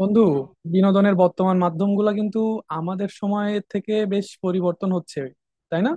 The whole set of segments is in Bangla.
বন্ধু, বিনোদনের বর্তমান মাধ্যমগুলো কিন্তু আমাদের সময়ের থেকে বেশ পরিবর্তন হচ্ছে, তাই না?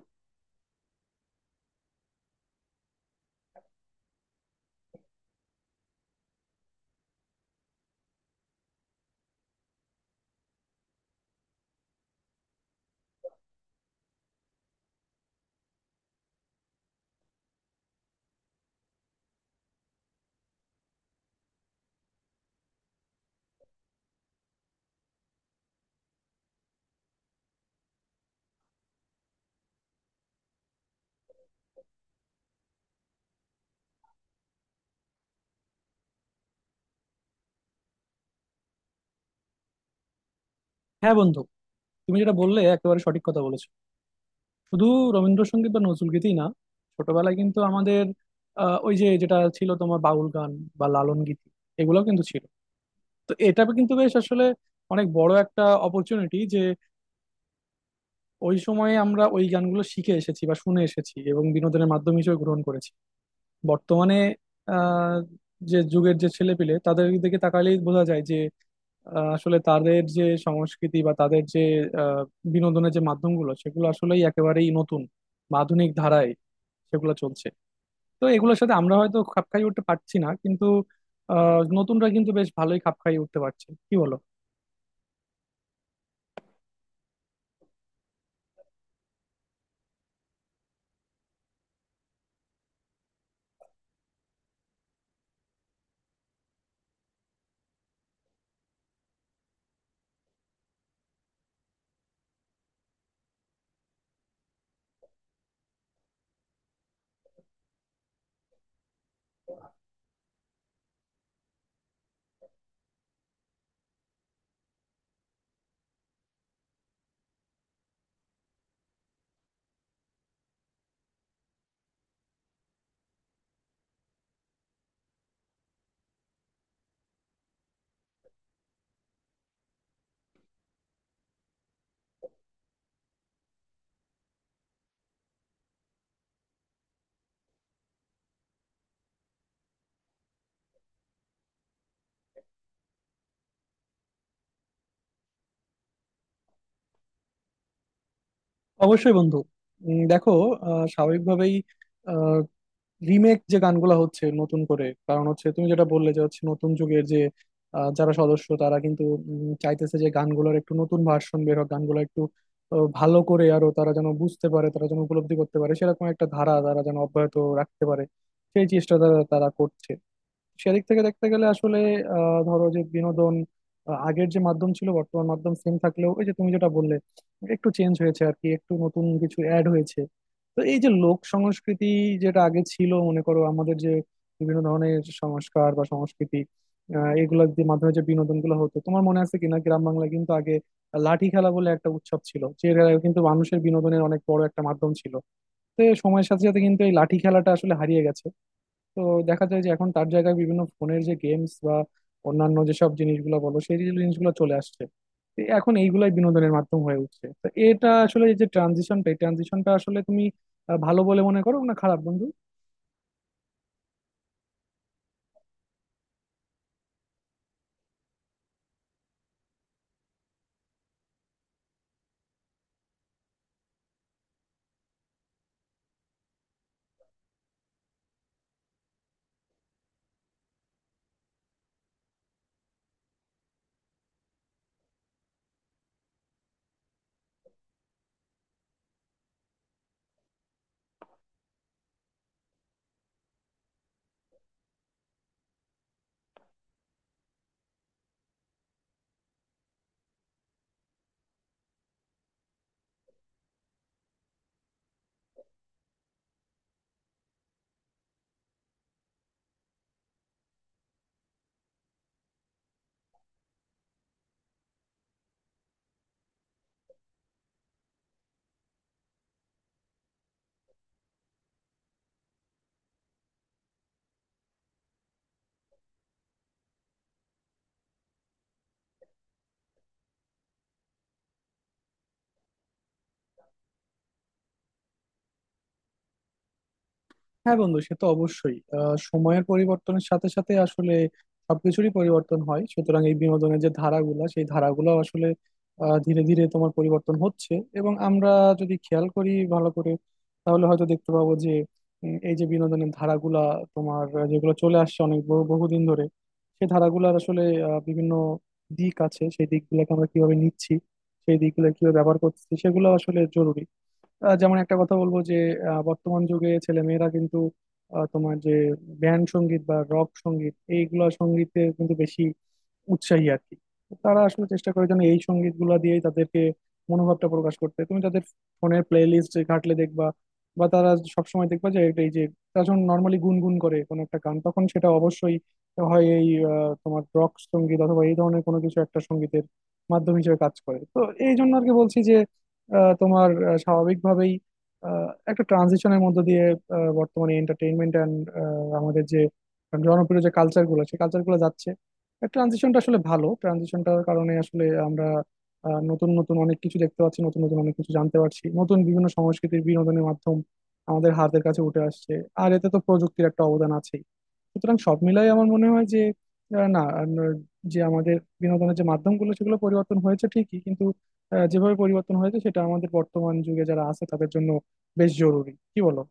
হ্যাঁ বন্ধু, তুমি যেটা বললে একেবারে সঠিক কথা বলেছো। শুধু রবীন্দ্রসঙ্গীত বা নজরুলগীতি না, ছোটবেলায় কিন্তু আমাদের ওই যে যেটা ছিল তোমার বাউল গান বা লালন গীতি, এগুলোও কিন্তু ছিল। তো এটা কিন্তু বেশ আসলে অনেক বড় একটা অপরচুনিটি যে ওই সময়ে আমরা ওই গানগুলো শিখে এসেছি বা শুনে এসেছি এবং বিনোদনের মাধ্যম হিসেবে গ্রহণ করেছি। বর্তমানে আহ, যে যুগের যে ছেলেপিলে তাদের দিকে তাকালেই বোঝা যায় যে আসলে তাদের যে সংস্কৃতি বা তাদের যে আহ, বিনোদনের যে মাধ্যমগুলো, সেগুলো আসলেই একেবারেই নতুন বা আধুনিক ধারায় সেগুলো চলছে। তো এগুলোর সাথে আমরা হয়তো খাপ খাইয়ে উঠতে পারছি না, কিন্তু নতুনরা কিন্তু বেশ ভালোই খাপ খাইয়ে উঠতে পারছে, কি বলো? অবশ্যই বন্ধু। দেখো, স্বাভাবিকভাবেই রিমেক যে গানগুলো হচ্ছে নতুন করে, কারণ হচ্ছে তুমি যেটা বললে যে, হচ্ছে নতুন যুগের যে যারা সদস্য তারা কিন্তু চাইতেছে যে গানগুলোর একটু নতুন ভার্সন বের হোক, গানগুলো একটু ভালো করে আরো তারা যেন বুঝতে পারে, তারা যেন উপলব্ধি করতে পারে, সেরকম একটা ধারা তারা যেন অব্যাহত রাখতে পারে। সেই চেষ্টা তারা তারা করছে। সেদিক থেকে দেখতে গেলে আসলে ধরো যে বিনোদন আগের যে মাধ্যম ছিল, বর্তমান মাধ্যম সেম থাকলেও ওই যে তুমি যেটা বললে, একটু চেঞ্জ হয়েছে আর কি, একটু নতুন কিছু অ্যাড হয়েছে। তো এই যে লোক সংস্কৃতি যেটা আগে ছিল, মনে করো আমাদের যে বিভিন্ন ধরনের সংস্কার বা সংস্কৃতি, এগুলোর যে মাধ্যমে যে বিনোদন গুলো হতো, তোমার মনে আছে কিনা গ্রাম বাংলায় কিন্তু আগে লাঠি খেলা বলে একটা উৎসব ছিল, যেটা কিন্তু মানুষের বিনোদনের অনেক বড় একটা মাধ্যম ছিল। তো সময়ের সাথে সাথে কিন্তু এই লাঠি খেলাটা আসলে হারিয়ে গেছে। তো দেখা যায় যে এখন তার জায়গায় বিভিন্ন ফোনের যে গেমস বা অন্যান্য যেসব জিনিসগুলো বলো, সেই জিনিসগুলো চলে আসছে। তো এখন এইগুলাই বিনোদনের মাধ্যম হয়ে উঠছে। তো এটা আসলে এই যে ট্রানজিশনটা, এই ট্রানজিশনটা আসলে তুমি ভালো বলে মনে করো না খারাপ, বন্ধু? হ্যাঁ বন্ধু, সে তো অবশ্যই। সময়ের পরিবর্তনের সাথে সাথে আসলে সবকিছুরই পরিবর্তন হয়, সুতরাং এই বিনোদনের যে ধারাগুলো, সেই ধারাগুলো আসলে ধীরে ধীরে তোমার পরিবর্তন হচ্ছে। এবং আমরা যদি খেয়াল করি ভালো করে, তাহলে হয়তো দেখতে পাবো যে এই যে বিনোদনের ধারাগুলা তোমার যেগুলো চলে আসছে অনেক বহুদিন ধরে, সেই ধারাগুলার আসলে বিভিন্ন দিক আছে, সেই দিকগুলোকে আমরা কিভাবে নিচ্ছি, সেই দিকগুলো কিভাবে ব্যবহার করছি, সেগুলো আসলে জরুরি। যেমন একটা কথা বলবো যে বর্তমান যুগে ছেলে মেয়েরা কিন্তু তোমার যে ব্যান্ড সঙ্গীত বা রক সঙ্গীত, এইগুলা সঙ্গীতে কিন্তু বেশি উৎসাহী আর কি। তারা আসলে চেষ্টা করে যেন এই সঙ্গীত গুলা দিয়েই তাদেরকে মনোভাবটা প্রকাশ করতে। তুমি তাদের ফোনের প্লে লিস্ট ঘাটলে দেখবা, বা তারা সবসময় দেখবা যে এটা, এই যে তারা যখন নর্মালি গুনগুন করে কোনো একটা গান, তখন সেটা অবশ্যই হয় এই তোমার রক সঙ্গীত অথবা এই ধরনের কোনো কিছু একটা সঙ্গীতের মাধ্যম হিসেবে কাজ করে। তো এই জন্য আর কি বলছি যে তোমার স্বাভাবিকভাবেই একটা ট্রানজিশনের মধ্য দিয়ে বর্তমানে এন্টারটেইনমেন্ট অ্যান্ড আমাদের যে জনপ্রিয় যে কালচার গুলো, সেই কালচার গুলো যাচ্ছে। ট্রানজিশনটা আসলে ভালো, ট্রানজিশনটার কারণে আসলে আমরা নতুন নতুন অনেক কিছু দেখতে পাচ্ছি, নতুন নতুন অনেক কিছু জানতে পারছি, নতুন বিভিন্ন সংস্কৃতির বিনোদনের মাধ্যম আমাদের হাতের কাছে উঠে আসছে। আর এতে তো প্রযুক্তির একটা অবদান আছেই। সুতরাং সব মিলাই আমার মনে হয় যে আহ, না আহ, যে আমাদের বিনোদনের যে মাধ্যমগুলো সেগুলো পরিবর্তন হয়েছে ঠিকই, কিন্তু যেভাবে পরিবর্তন হয়েছে সেটা আমাদের বর্তমান যুগে যারা আছে তাদের জন্য বেশ জরুরি, কি বলো?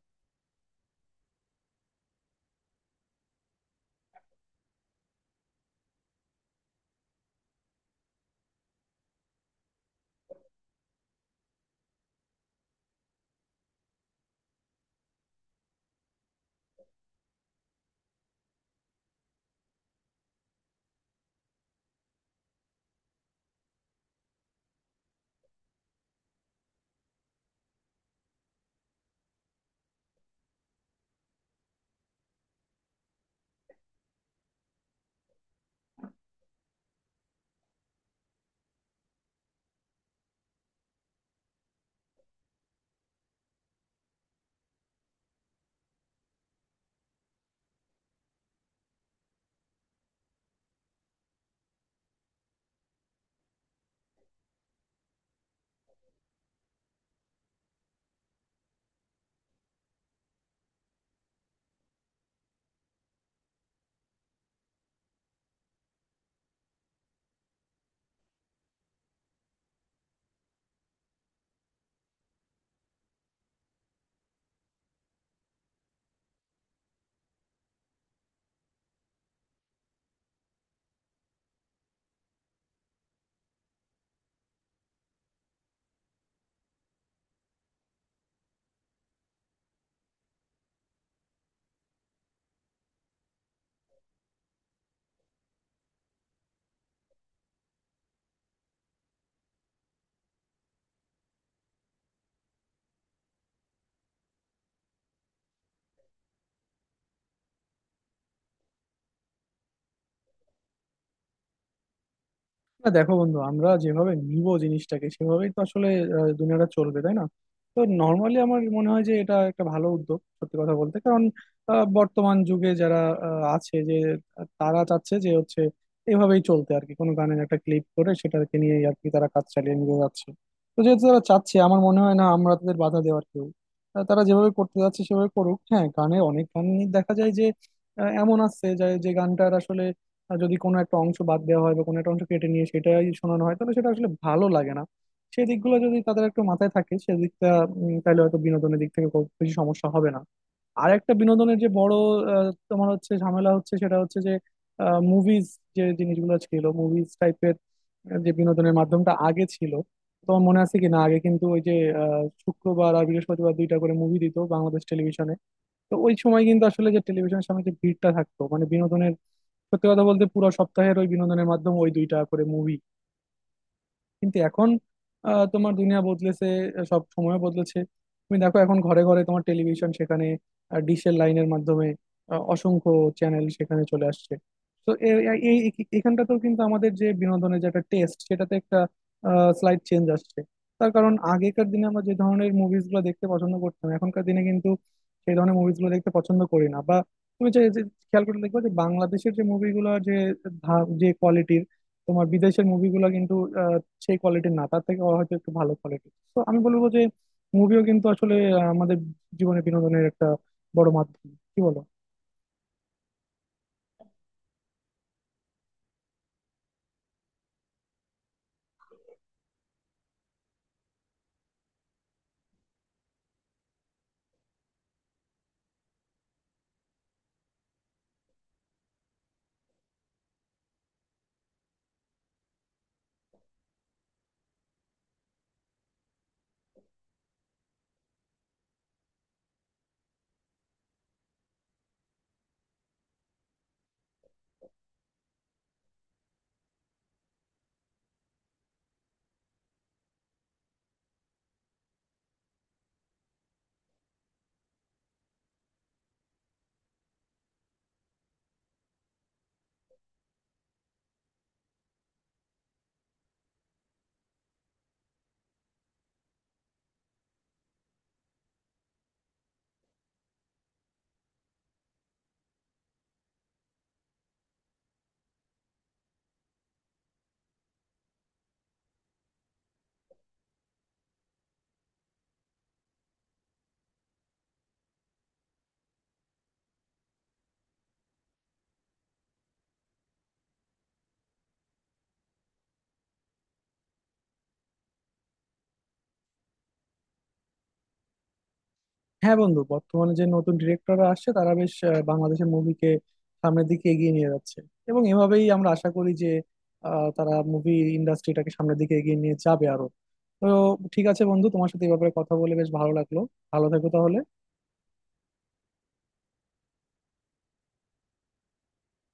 না দেখো বন্ধু, আমরা যেভাবে নিব জিনিসটাকে সেভাবেই তো আসলে দুনিয়াটা চলবে, তাই না? তো নর্মালি আমার মনে হয় যে এটা একটা ভালো উদ্যোগ, সত্যি কথা বলতে। কারণ বর্তমান যুগে যারা আছে যে তারা চাচ্ছে যে, হচ্ছে এভাবেই চলতে আর কি। কোনো গানের একটা ক্লিপ করে সেটাকে নিয়ে আর কি তারা কাজ চালিয়ে নিয়ে যাচ্ছে। তো যেহেতু তারা চাচ্ছে, আমার মনে হয় না আমরা তাদের বাধা দেওয়ার কেউ। তারা যেভাবে করতে যাচ্ছে সেভাবে করুক। হ্যাঁ, গানে অনেক গান দেখা যায় যে এমন আছে যে গানটার আসলে আর যদি কোনো একটা অংশ বাদ দেওয়া হয় বা কোনো একটা অংশ কেটে নিয়ে সেটাই শোনানো হয়, তাহলে সেটা আসলে ভালো লাগে না। সেই দিকগুলো যদি তাদের একটু মাথায় থাকে, সেদিকটা তাহলে হয়তো বিনোদনের দিক থেকে খুব বেশি সমস্যা হবে না। আর একটা বিনোদনের যে বড় তোমার হচ্ছে ঝামেলা হচ্ছে, সেটা হচ্ছে যে মুভিজ, যে জিনিসগুলো ছিল মুভিজ টাইপের, যে বিনোদনের মাধ্যমটা আগে ছিল, তোমার মনে আছে কি না আগে কিন্তু ওই যে শুক্রবার আর বৃহস্পতিবার দুইটা করে মুভি দিত বাংলাদেশ টেলিভিশনে। তো ওই সময় কিন্তু আসলে যে টেলিভিশনের সামনে যে ভিড়টা থাকতো, মানে বিনোদনের, সত্যি কথা বলতে পুরো সপ্তাহের ওই বিনোদনের মাধ্যম ওই দুইটা করে মুভি। কিন্তু এখন তোমার দুনিয়া বদলেছে, সব সময় বদলেছে। তুমি দেখো এখন ঘরে ঘরে তোমার টেলিভিশন, সেখানে ডিশের লাইনের মাধ্যমে অসংখ্য চ্যানেল সেখানে চলে আসছে। তো এই এখানটাতেও কিন্তু আমাদের যে বিনোদনের যে একটা টেস্ট, সেটাতে একটা স্লাইড চেঞ্জ আসছে। তার কারণ, আগেকার দিনে আমরা যে ধরনের মুভিজ গুলো দেখতে পছন্দ করতাম, এখনকার দিনে কিন্তু সেই ধরনের মুভিজ গুলো দেখতে পছন্দ করি না। বা তুমি যে যে খেয়াল করে দেখবে যে বাংলাদেশের যে মুভিগুলো যে যে কোয়ালিটির, তোমার বিদেশের মুভিগুলো কিন্তু সেই কোয়ালিটির না, তার থেকে হয়তো একটু ভালো কোয়ালিটি। তো আমি বলবো যে মুভিও কিন্তু আসলে আমাদের জীবনে বিনোদনের একটা বড় মাধ্যম, কি বলো? হ্যাঁ বন্ধু, বর্তমানে যে নতুন ডিরেক্টররা আসছে তারা বেশ বাংলাদেশের মুভিকে সামনের দিকে এগিয়ে নিয়ে যাচ্ছে। এবং এভাবেই আমরা আশা করি যে তারা মুভি ইন্ডাস্ট্রিটাকে সামনের দিকে এগিয়ে নিয়ে যাবে আরো। তো ঠিক আছে বন্ধু, তোমার সাথে এই ব্যাপারে কথা বলে বেশ ভালো লাগলো। ভালো থেকো তাহলে।